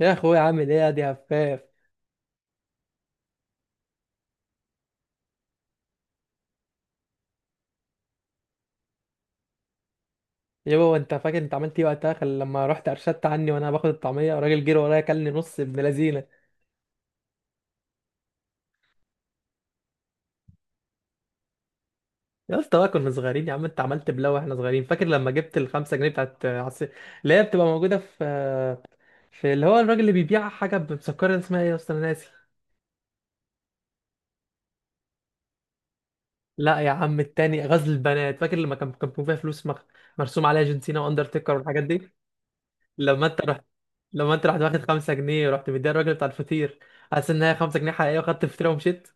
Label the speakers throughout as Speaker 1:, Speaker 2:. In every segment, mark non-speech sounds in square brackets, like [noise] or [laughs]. Speaker 1: يا اخويا، عامل ايه يا دي هفاف؟ يابا، هو انت فاكر انت عملت ايه وقتها؟ لما رحت ارشدت عني وانا باخد الطعميه، الراجل جري ورايا كلني نص ابن لذينه. يا اسطى بقى، كنا صغيرين يا عم، انت عملت بلاوي واحنا صغيرين. فاكر لما جبت الـ 5 جنيه بتاعت اللي هي بتبقى موجوده في اللي هو الراجل اللي بيبيع حاجه مسكره، اسمها ايه يا اسطى؟ انا ناسي. لا يا عم، التاني غزل البنات. فاكر لما كان فيها فلوس مرسوم عليها جون سينا واندرتيكر والحاجات دي. لما انت رحت. لما انت رحت واخد 5 جنيه، ورحت مديها الراجل بتاع الفطير، حاسس ان هي 5 جنيه حقيقيه، وخدت فطيره ومشيت.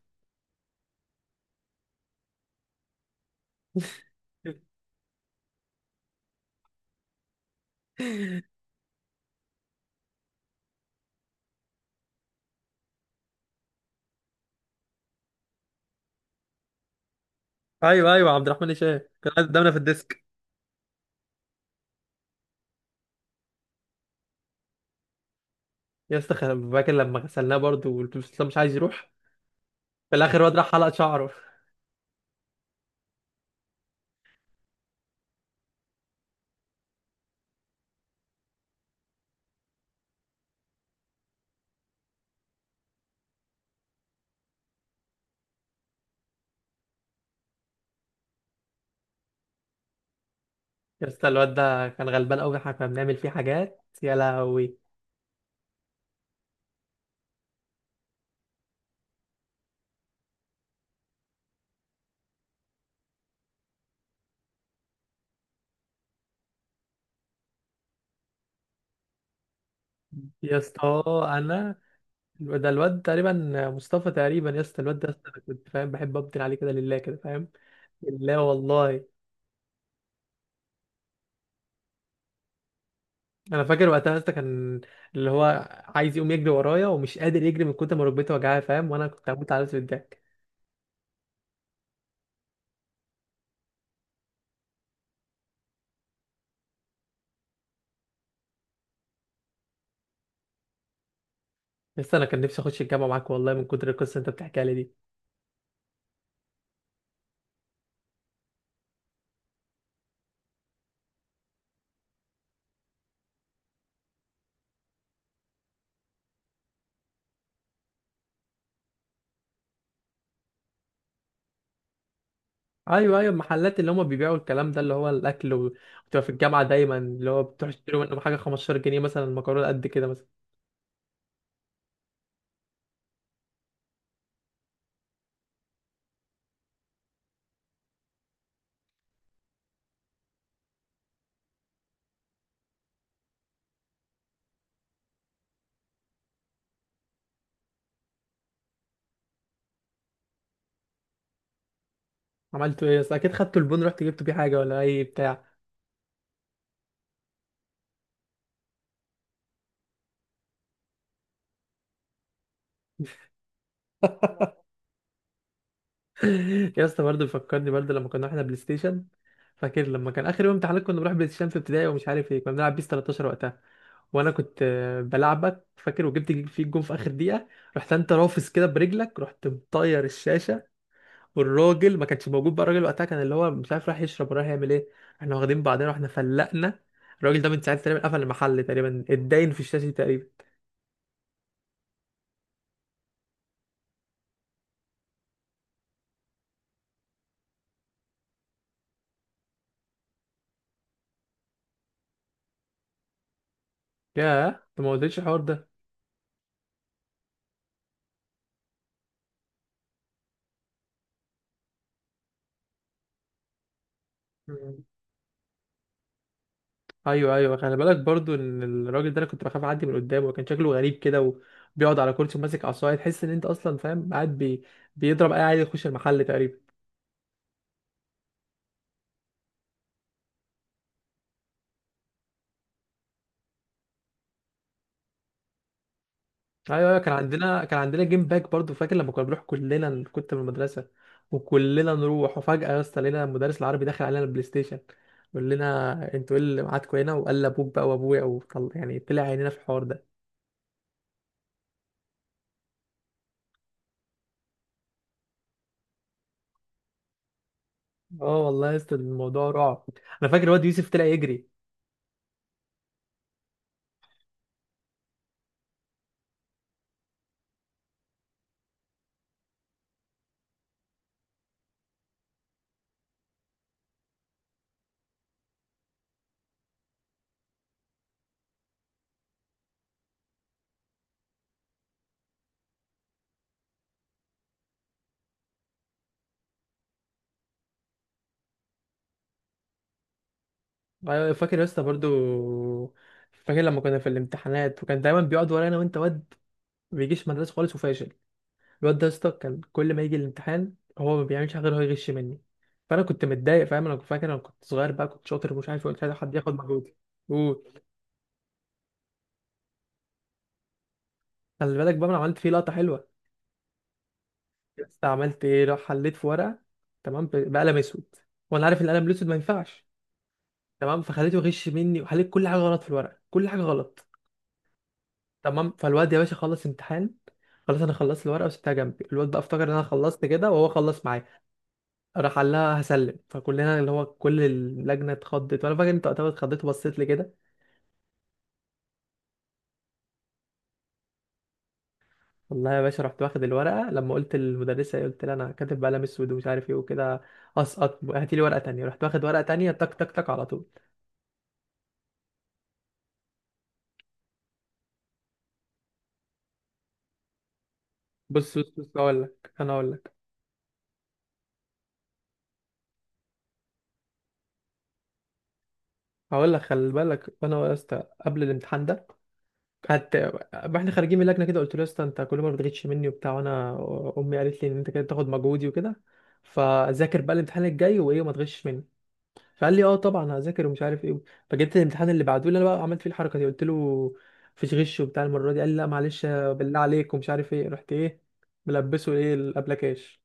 Speaker 1: ايوه ايوه، عبد الرحمن هشام كان قاعد قدامنا في الديسك. يا اسطى فاكر لما غسلناه برضه، والبروفيسور اسلام مش عايز يروح. في الاخر الواد راح حلق شعره. يا اسطى الواد ده كان غلبان قوي، احنا كنا بنعمل فيه حاجات، يا لهوي. يا اسطى انا الواد- ده الواد تقريبا مصطفى تقريبا. يا اسطى الواد ده يا اسطى، أنا كنت فاهم بحب ابدل عليه كده لله كده، فاهم؟ لا والله. انا فاكر وقتها يا اسطى كان، اللي هو، عايز يقوم يجري ورايا ومش قادر يجري من كتر ما ركبته وجعاه، فاهم؟ وانا كنت هموت على نفسي بالضحك. لسه انا كان نفسي اخش الجامعه معاك والله، من كتر القصه اللي انت بتحكيها لي دي. ايوه ايوه، المحلات اللي هم بيبيعوا الكلام ده اللي هو الاكل وتبقى في الجامعه دايما اللي هو بتروح تشتري منهم حاجه 15 جنيه مثلا، المكرونه قد كده مثلا. عملتوا ايه يا اسطى؟ اكيد خدتوا البون، رحت جبتوا بيه حاجه ولا اي بتاع. [laughs] يا اسطى برضه بيفكرني برضه لما كنا احنا بلاي ستيشن. فاكر لما كان اخر يوم امتحانات، كنا بنروح بلاي ستيشن في ابتدائي، ومش عارف ايه، كنا بنلعب بيس 13 وقتها. وانا كنت بلعبك فاكر، وجبت فيك جون في اخر دقيقه. رحت انت رافس كده برجلك، رحت مطير الشاشه. والراجل ما كانش موجود بقى، الراجل وقتها كان، اللي هو مش عارف، راح يشرب وراح يعمل ايه. احنا واخدين بعضنا واحنا فلقنا. الراجل ده من ساعتها تقريبا قفل المحل، تقريبا اتداين في الشاشة تقريبا. ياه، انت ما قلتليش الحوار ده. مم. ايوه ايوه، خلي بالك برضو ان الراجل ده، انا كنت بخاف اعدي من قدامه، وكان شكله غريب كده، وبيقعد على كرسي وماسك عصايه، تحس ان انت اصلا، فاهم، قاعد بيضرب اي عيل يخش المحل تقريبا. ايوه ايوه، كان عندنا، كان عندنا جيم باك برضو. فاكر لما كنا بنروح كلنا كنت من المدرسه، وكلنا نروح، وفجاه يا اسطى لقينا المدرس العربي داخل علينا البلاي ستيشن، يقول لنا انتوا ايه اللي معاكوا هنا، وقال ابوك بقى وابويا يعني طلع عينينا في الحوار ده. اه والله يا اسطى، الموضوع رعب. انا فاكر الواد يوسف طلع يجري. ايوه فاكر يا اسطى برضو، فاكر لما كنا في الامتحانات، وكان دايما بيقعد ورانا، وانت واد ما بيجيش مدرسه خالص وفاشل. الواد ده يا اسطى كان كل ما يجي الامتحان، هو ما بيعملش حاجه غير هو يغش مني. فانا كنت متضايق، فاهم؟ انا كنت فاكر، انا كنت صغير بقى، كنت شاطر، ومش عارف إيه، مش عايز حد ياخد مجهودي. قول. خلي بالك بقى، انا عملت فيه لقطه حلوه. بس عملت ايه، راح حليت في ورقه، تمام، بقلم اسود، وانا عارف ان القلم الاسود ما ينفعش، تمام. فخليته يغش مني، وحليت كل حاجه غلط في الورقه، كل حاجه غلط. تمام، فالواد يا باشا خلص امتحان، خلاص. انا خلصت الورقه وسبتها جنبي، الواد بقى افتكر ان انا خلصت كده، وهو خلص معايا، راح قال لها هسلم. فكلنا اللي هو كل اللجنه اتخضت، وانا فاكر انت وقتها اتخضيت وبصيت لي كده. والله يا باشا، رحت واخد الورقه لما قلت للمدرسه، قلت لها انا كاتب بقلم اسود ومش عارف ايه وكده، اسقط، هاتي لي ورقه تانية، رحت واخد ورقه تانية تك تك تك على طول. بص بص بص، هقول لك. خلي بالك، انا يا اسطى قبل الامتحان ده قعدت، واحنا خارجين من اللجنه كده، قلت له يا اسطى انت كل ما بتغيتش مني وبتاع، وانا امي قالت لي ان انت كده تاخد مجهودي وكده، فذاكر بقى الامتحان الجاي وايه، وما تغشش مني. فقال لي اه طبعا هذاكر ومش عارف ايه. فجيت الامتحان اللي بعده لي انا، بقى عملت فيه الحركه دي، قلت له مفيش غش وبتاع المره دي، قال لي لا معلش بالله عليك ومش عارف ايه، رحت ايه، ملبسه ايه الابلكاش.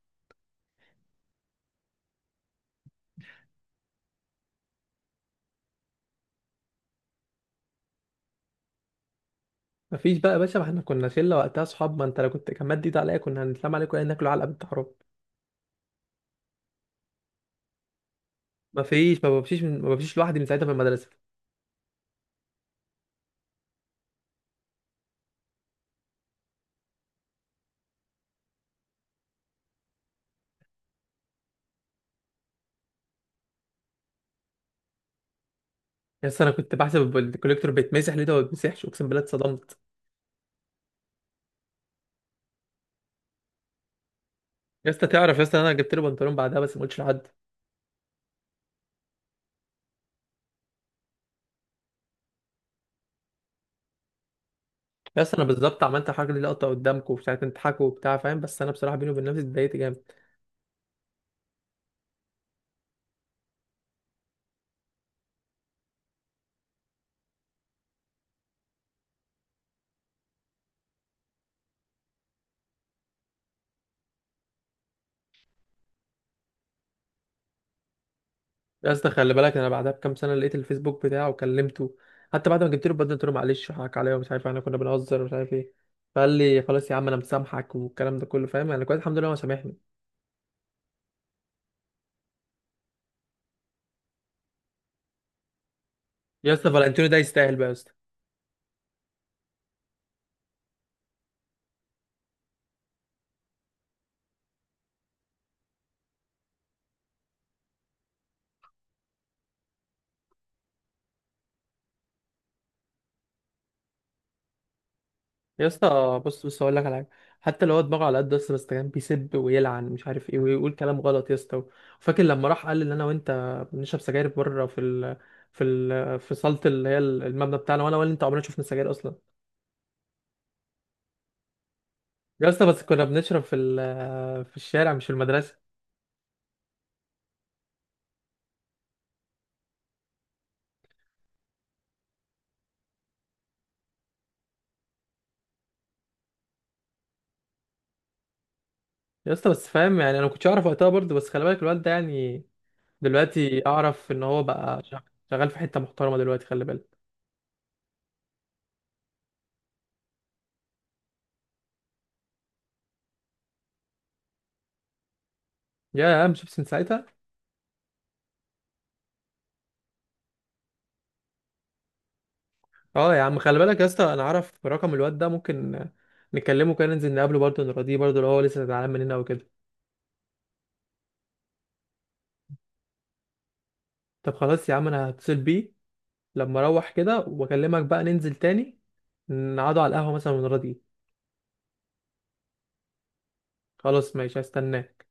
Speaker 1: مفيش بقى يا باشا، ما احنا كنا شله وقتها اصحاب، ما انت لو كنت كان مد ايد عليا كنا هنتلم عليك ولا ناكل علقه بنت حرام. مفيش، ما بمشيش لوحدي من ساعتها في المدرسه. يا اسطى انا كنت بحسب الكوليكتور بيتمسح، ليه ده ما بيتمسحش؟ اقسم بالله اتصدمت. يا اسطى، تعرف يا اسطى، انا جبت له بنطلون بعدها بس ما قلتش لحد. بس انا بالظبط عملت حاجه دي لقطه قدامكم وساعه تضحكوا وبتاع، فاهم؟ بس انا بصراحه بيني وبين نفسي اتضايقت جامد. بس خلي بالك، انا بعدها بكام سنه لقيت الفيسبوك بتاعه وكلمته، حتى بعد ما جبت له بدل، قلت له معلش حقك عليا ومش عارف، احنا كنا بنهزر ومش عارف ايه. فقال لي خلاص يا عم انا مسامحك والكلام ده كله، فاهم؟ يعني كويس، الحمد لله هو سامحني. يا اسطى، فالنتينو ده يستاهل بقى يا اسطى. يا اسطى بص بص، هقول لك على حاجه. حتى لو هو دماغه على قد، بس كان بيسب ويلعن مش عارف ايه، ويقول كلام غلط يا اسطى. فاكر لما راح قال ان انا وانت بنشرب سجاير بره في صاله اللي هي المبنى بتاعنا، وانا ولا انت عمرنا شفنا سجاير اصلا. يا اسطى بس كنا بنشرب في الشارع، مش في المدرسه. يا اسطى بس، فاهم؟ يعني انا ما كنتش اعرف وقتها برضه، بس خلي بالك الواد ده يعني دلوقتي اعرف ان هو بقى شغال في حته محترمه دلوقتي، خلي بالك. يا عم شيبس من ساعتها. اه يا عم، خلي بالك يا اسطى، انا اعرف رقم الواد ده، ممكن نكلمه كده، ننزل نقابله برضه، نراضيه برضه لو هو لسه زعلان مننا وكده. طب خلاص يا عم، انا هتصل بيه لما اروح كده واكلمك بقى، ننزل تاني نقعدوا على القهوة مثلا ونراضيه. خلاص ماشي، هستناك.